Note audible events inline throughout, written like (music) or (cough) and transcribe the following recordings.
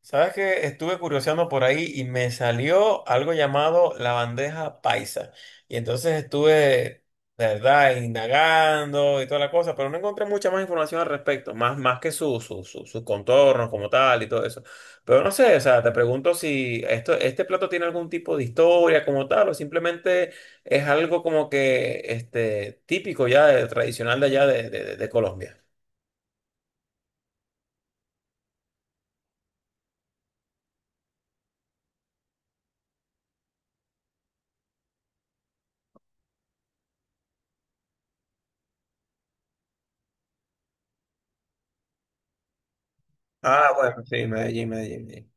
Sabes que estuve curioseando por ahí y me salió algo llamado la bandeja paisa. Y entonces estuve, de verdad, indagando y toda la cosa, pero no encontré mucha más información al respecto, más, más que sus contornos como tal y todo eso. Pero no sé, o sea, te pregunto si esto, este plato tiene algún tipo de historia como tal, o simplemente es algo como que típico ya, tradicional de allá de Colombia. Ah, bueno, sí, Medellín, Medellín, Medellín.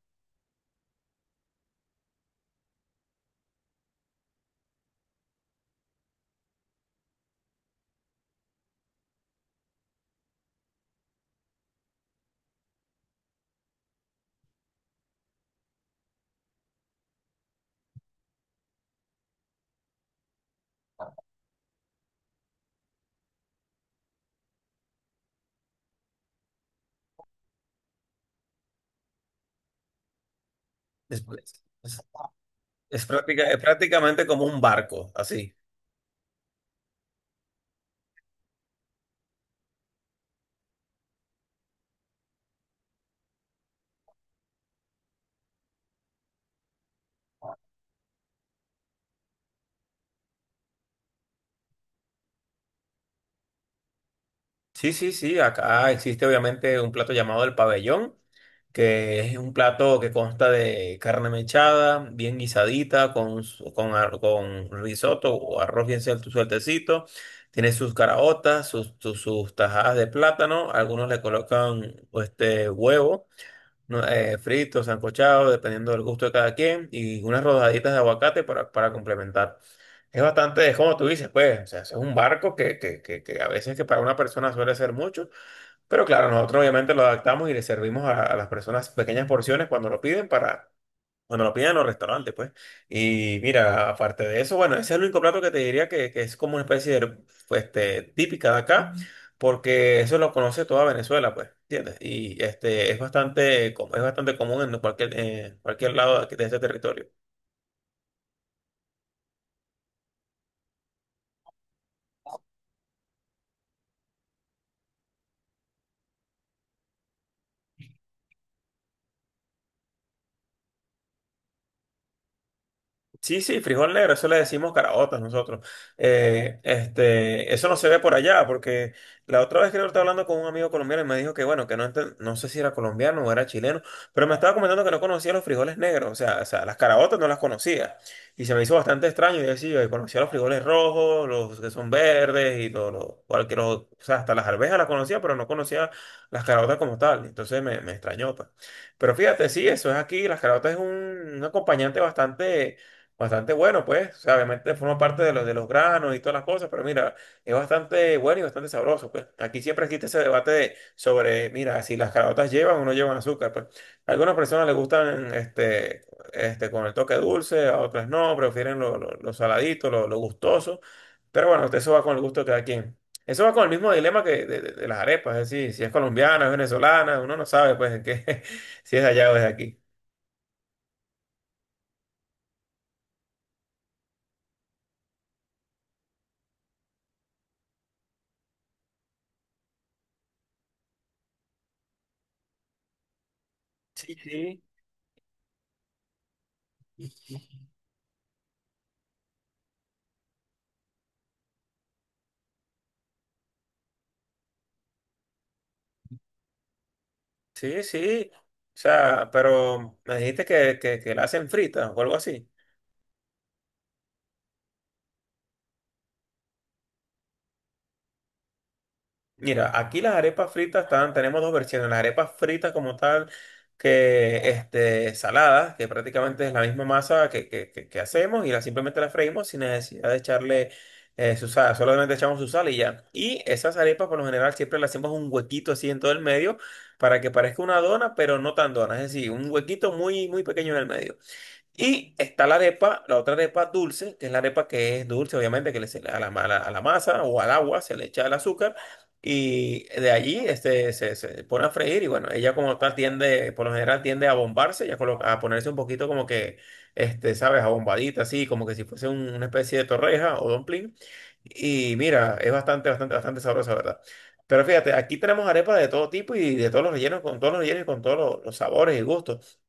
Después. Es, es prácticamente como un barco, así. Sí, sí, sí, acá existe obviamente un plato llamado el pabellón, que es un plato que consta de carne mechada, bien guisadita, con, su- con, ar- con risotto o arroz bien sueltecito. Tiene sus caraotas, sus tajadas de plátano, algunos le colocan huevo. No, frito, sancochado, dependiendo del gusto de cada quien, y unas rodaditas de aguacate para complementar. Es bastante, es como tú dices, pues, o sea, es un barco que a veces que para una persona suele ser mucho, pero claro, nosotros obviamente lo adaptamos y le servimos a las personas pequeñas porciones cuando lo piden para, cuando lo piden en los restaurantes, pues. Y mira, aparte de eso, bueno, ese es el único plato que te diría que es como una especie de, pues, típica de acá, porque eso lo conoce toda Venezuela, pues, ¿entiendes? Y este, es bastante, es bastante común en cualquier lado de este territorio. Sí, sí, frijol negro, eso le decimos caraotas nosotros. Este, eso no se ve por allá, porque la otra vez que yo estaba hablando con un amigo colombiano y me dijo que, bueno, que no, no sé si era colombiano o era chileno, pero me estaba comentando que no conocía los frijoles negros, o sea, las caraotas no las conocía. Y se me hizo bastante extraño, y decía, yo conocía los frijoles rojos, los que son verdes, cualquier, o sea, hasta las arvejas las conocía, pero no conocía las caraotas como tal. Entonces me extrañó, pues. Pero fíjate, sí, eso es aquí, las caraotas es un acompañante bastante. Bastante bueno, pues. O sea, obviamente forma parte de los granos y todas las cosas, pero mira, es bastante bueno y bastante sabroso, pues. Aquí siempre existe ese debate sobre, mira, si las caraotas llevan o no llevan azúcar, pues. A algunas personas les gustan con el toque dulce, a otras no, prefieren lo saladito, lo gustoso. Pero bueno, eso va con el gusto de cada quien. Eso va con el mismo dilema que de las arepas, es decir, si es colombiana, es venezolana, uno no sabe, pues, en qué, (laughs) si es de allá o es de aquí. Sí. Sí, sí. O sea, pero me dijiste que la hacen frita o algo así. Mira, aquí las arepas fritas están, tenemos dos versiones. Las arepas fritas como tal, que saladas, que prácticamente es la misma masa que hacemos y la, simplemente la freímos sin necesidad de echarle su sal. Solamente echamos su sal y ya. Y esas arepas por lo general siempre le hacemos un huequito así en todo el medio para que parezca una dona, pero no tan dona. Es decir, un huequito muy, muy pequeño en el medio. Y está la arepa, la otra arepa dulce, que es la arepa que es dulce, obviamente, que le se- a la, a la- a la masa o al agua se le echa el azúcar y de allí se pone a freír y bueno, ella como tal tiende, por lo general tiende a bombarse, ya a ponerse un poquito como que, sabes, abombadita, así, como que si fuese una especie de torreja o dumpling. Y mira, es bastante sabrosa, ¿verdad? Pero fíjate, aquí tenemos arepas de todo tipo y de todos los rellenos, con todos los rellenos y con todos los sabores y gustos.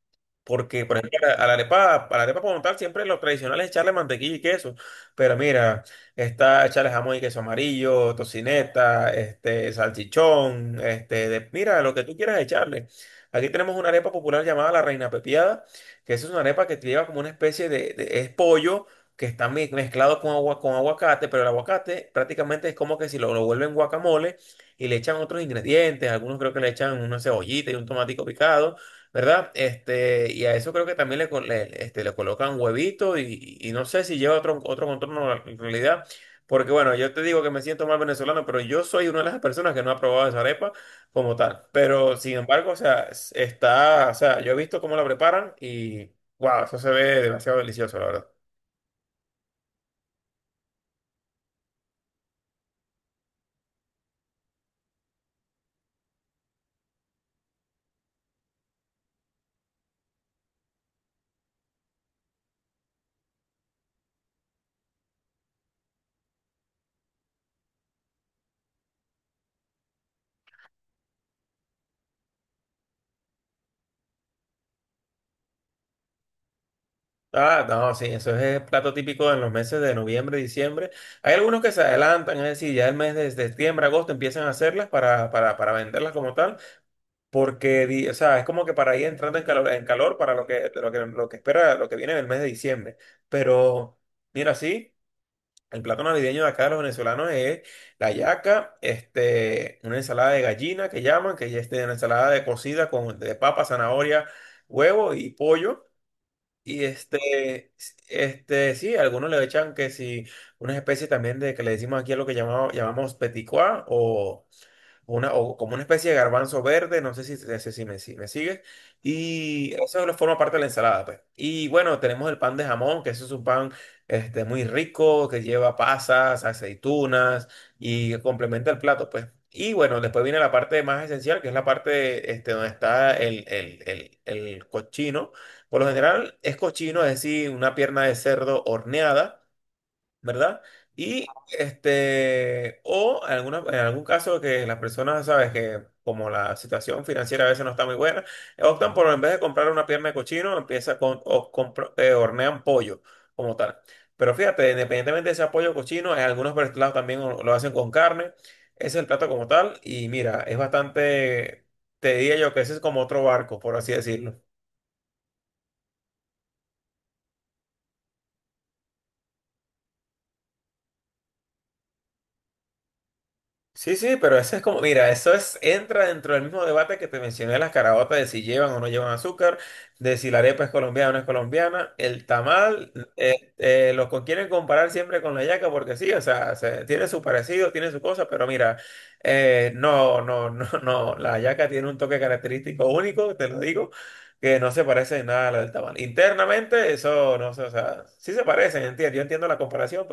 Porque, por ejemplo, a la arepa como tal, siempre lo tradicional es echarle mantequilla y queso. Pero mira, está echarle jamón y queso amarillo, tocineta, salchichón, mira, lo que tú quieras echarle. Aquí tenemos una arepa popular llamada la Reina Pepiada, que esa es una arepa que lleva como una especie es pollo que está mezclado con agua, con aguacate, pero el aguacate prácticamente es como que si lo vuelven guacamole y le echan otros ingredientes, algunos creo que le echan una cebollita y un tomatico picado. ¿Verdad? Y a eso creo que también le, co- le- este, le colocan huevito y no sé si lleva otro, otro contorno en realidad, porque bueno, yo te digo que me siento mal venezolano, pero yo soy una de las personas que no ha probado esa arepa como tal, pero sin embargo, o sea, está, o sea, yo he visto cómo la preparan y wow, eso se ve demasiado delicioso, la verdad. Ah, no, sí, eso es plato típico en los meses de noviembre, diciembre. Hay algunos que se adelantan, es decir, ya el mes de septiembre, agosto empiezan a hacerlas para venderlas como tal. Porque, o sea, es como que para ir entrando en calor para lo que, lo que, lo que espera, lo que viene en el mes de diciembre. Pero, mira, sí, el plato navideño de acá de los venezolanos es la yaca, este, una ensalada de gallina que llaman, que ya es una ensalada de cocida con de papa, zanahoria, huevo y pollo. Y sí, algunos le echan que sí, unas especies también de que le decimos aquí a lo que llamamos, llamamos petit pois, una, o como una especie de garbanzo verde, no sé si me, si me sigues, y eso lo forma parte de la ensalada, pues. Y bueno, tenemos el pan de jamón, que eso es un pan muy rico, que lleva pasas, aceitunas y complementa el plato, pues. Y bueno, después viene la parte más esencial, que es la parte donde está el cochino. Por lo general es cochino, es decir, una pierna de cerdo horneada, ¿verdad? Y o en, en algún caso que las personas, sabes, que como la situación financiera a veces no está muy buena, optan por en vez de comprar una pierna de cochino, empieza con, o hornean pollo como tal. Pero fíjate, independientemente de ese pollo cochino, en algunos platos también lo hacen con carne. Ese es el plato como tal. Y mira, es bastante, te diría yo que ese es como otro barco, por así decirlo. Sí, sí, pero eso es como, mira, eso es, entra dentro del mismo debate que te mencioné de las caraotas, de si llevan o no llevan azúcar, de si la arepa es colombiana o no es colombiana, el tamal, los quieren comparar siempre con la yaca porque sí, o sea, tiene su parecido, tiene su cosa, pero mira, no, no, no, (laughs) no, la yaca tiene un toque característico único, te lo digo, que no se parece en nada a la del tamal. Internamente, eso, no sé, o sea, sí se parecen, entiendo, yo entiendo la comparación.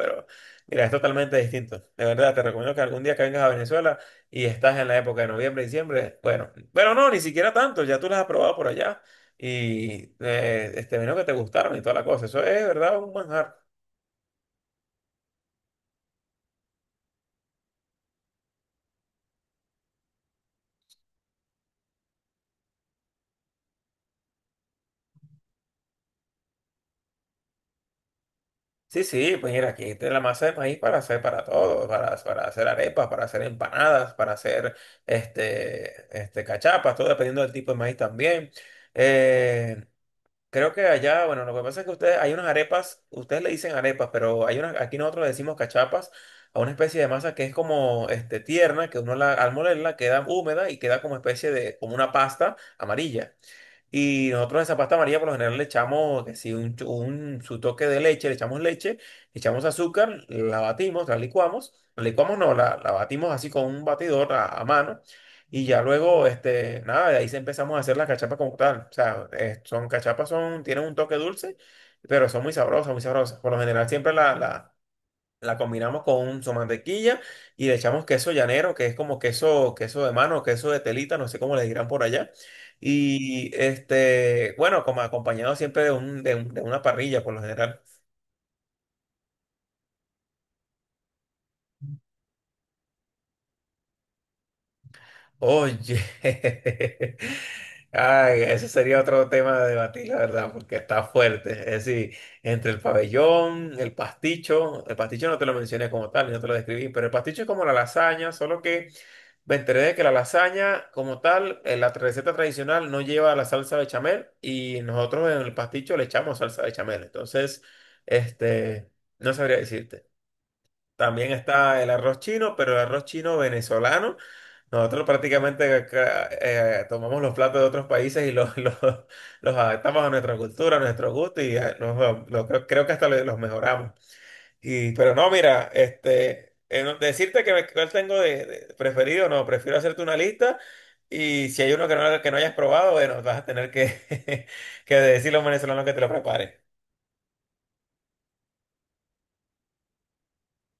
Mira, es totalmente distinto. De verdad, te recomiendo que algún día que vengas a Venezuela y estás en la época de noviembre, diciembre, bueno, pero no, ni siquiera tanto, ya tú las has probado por allá y este vino que te gustaron y toda la cosa. Eso es, de ¿verdad? Un manjar. Sí, sí, pues mira, aquí está la masa de maíz para hacer para todo, para hacer arepas, para hacer empanadas, para hacer cachapas, todo dependiendo del tipo de maíz también. Eh, Creo que allá, bueno, lo que pasa es que ustedes, hay unas arepas, ustedes le dicen arepas, pero hay unas, aquí nosotros le decimos cachapas a una especie de masa que es como tierna, que uno la, al molerla queda húmeda y queda como especie de, como una pasta amarilla. Y nosotros esa pasta amarilla por lo general le echamos, que si un, su toque de leche, le echamos azúcar, la batimos, la licuamos no, la batimos así con un batidor a mano. Y ya luego, nada, de ahí se empezamos a hacer las cachapas como tal. O sea, son cachapas, son, tienen un toque dulce, pero son muy sabrosas, muy sabrosas. Por lo general siempre la combinamos con un su mantequilla y le echamos queso llanero, que es como queso, queso de mano, queso de telita, no sé cómo le dirán por allá. Y bueno, como acompañado siempre de una parrilla por lo general. Oye, (laughs) ay, ese sería otro tema de debatir, la verdad, porque está fuerte. Es decir, entre el pabellón, el pasticho no te lo mencioné como tal, no te lo describí, pero el pasticho es como la lasaña, solo que me enteré de que la lasaña, como tal, la receta tradicional no lleva la salsa bechamel y nosotros en el pasticho le echamos salsa bechamel. Entonces, este, no sabría decirte. También está el arroz chino, pero el arroz chino venezolano. Nosotros prácticamente acá, tomamos los platos de otros países y los, (laughs) los adaptamos a nuestra cultura, a nuestro gusto y creo que hasta los mejoramos. Y, pero no, mira, decirte que me, cuál tengo de preferido, no, prefiero hacerte una lista y si hay uno que no hayas probado, bueno, vas a tener que, (laughs) que decirle a un venezolano que te lo prepare.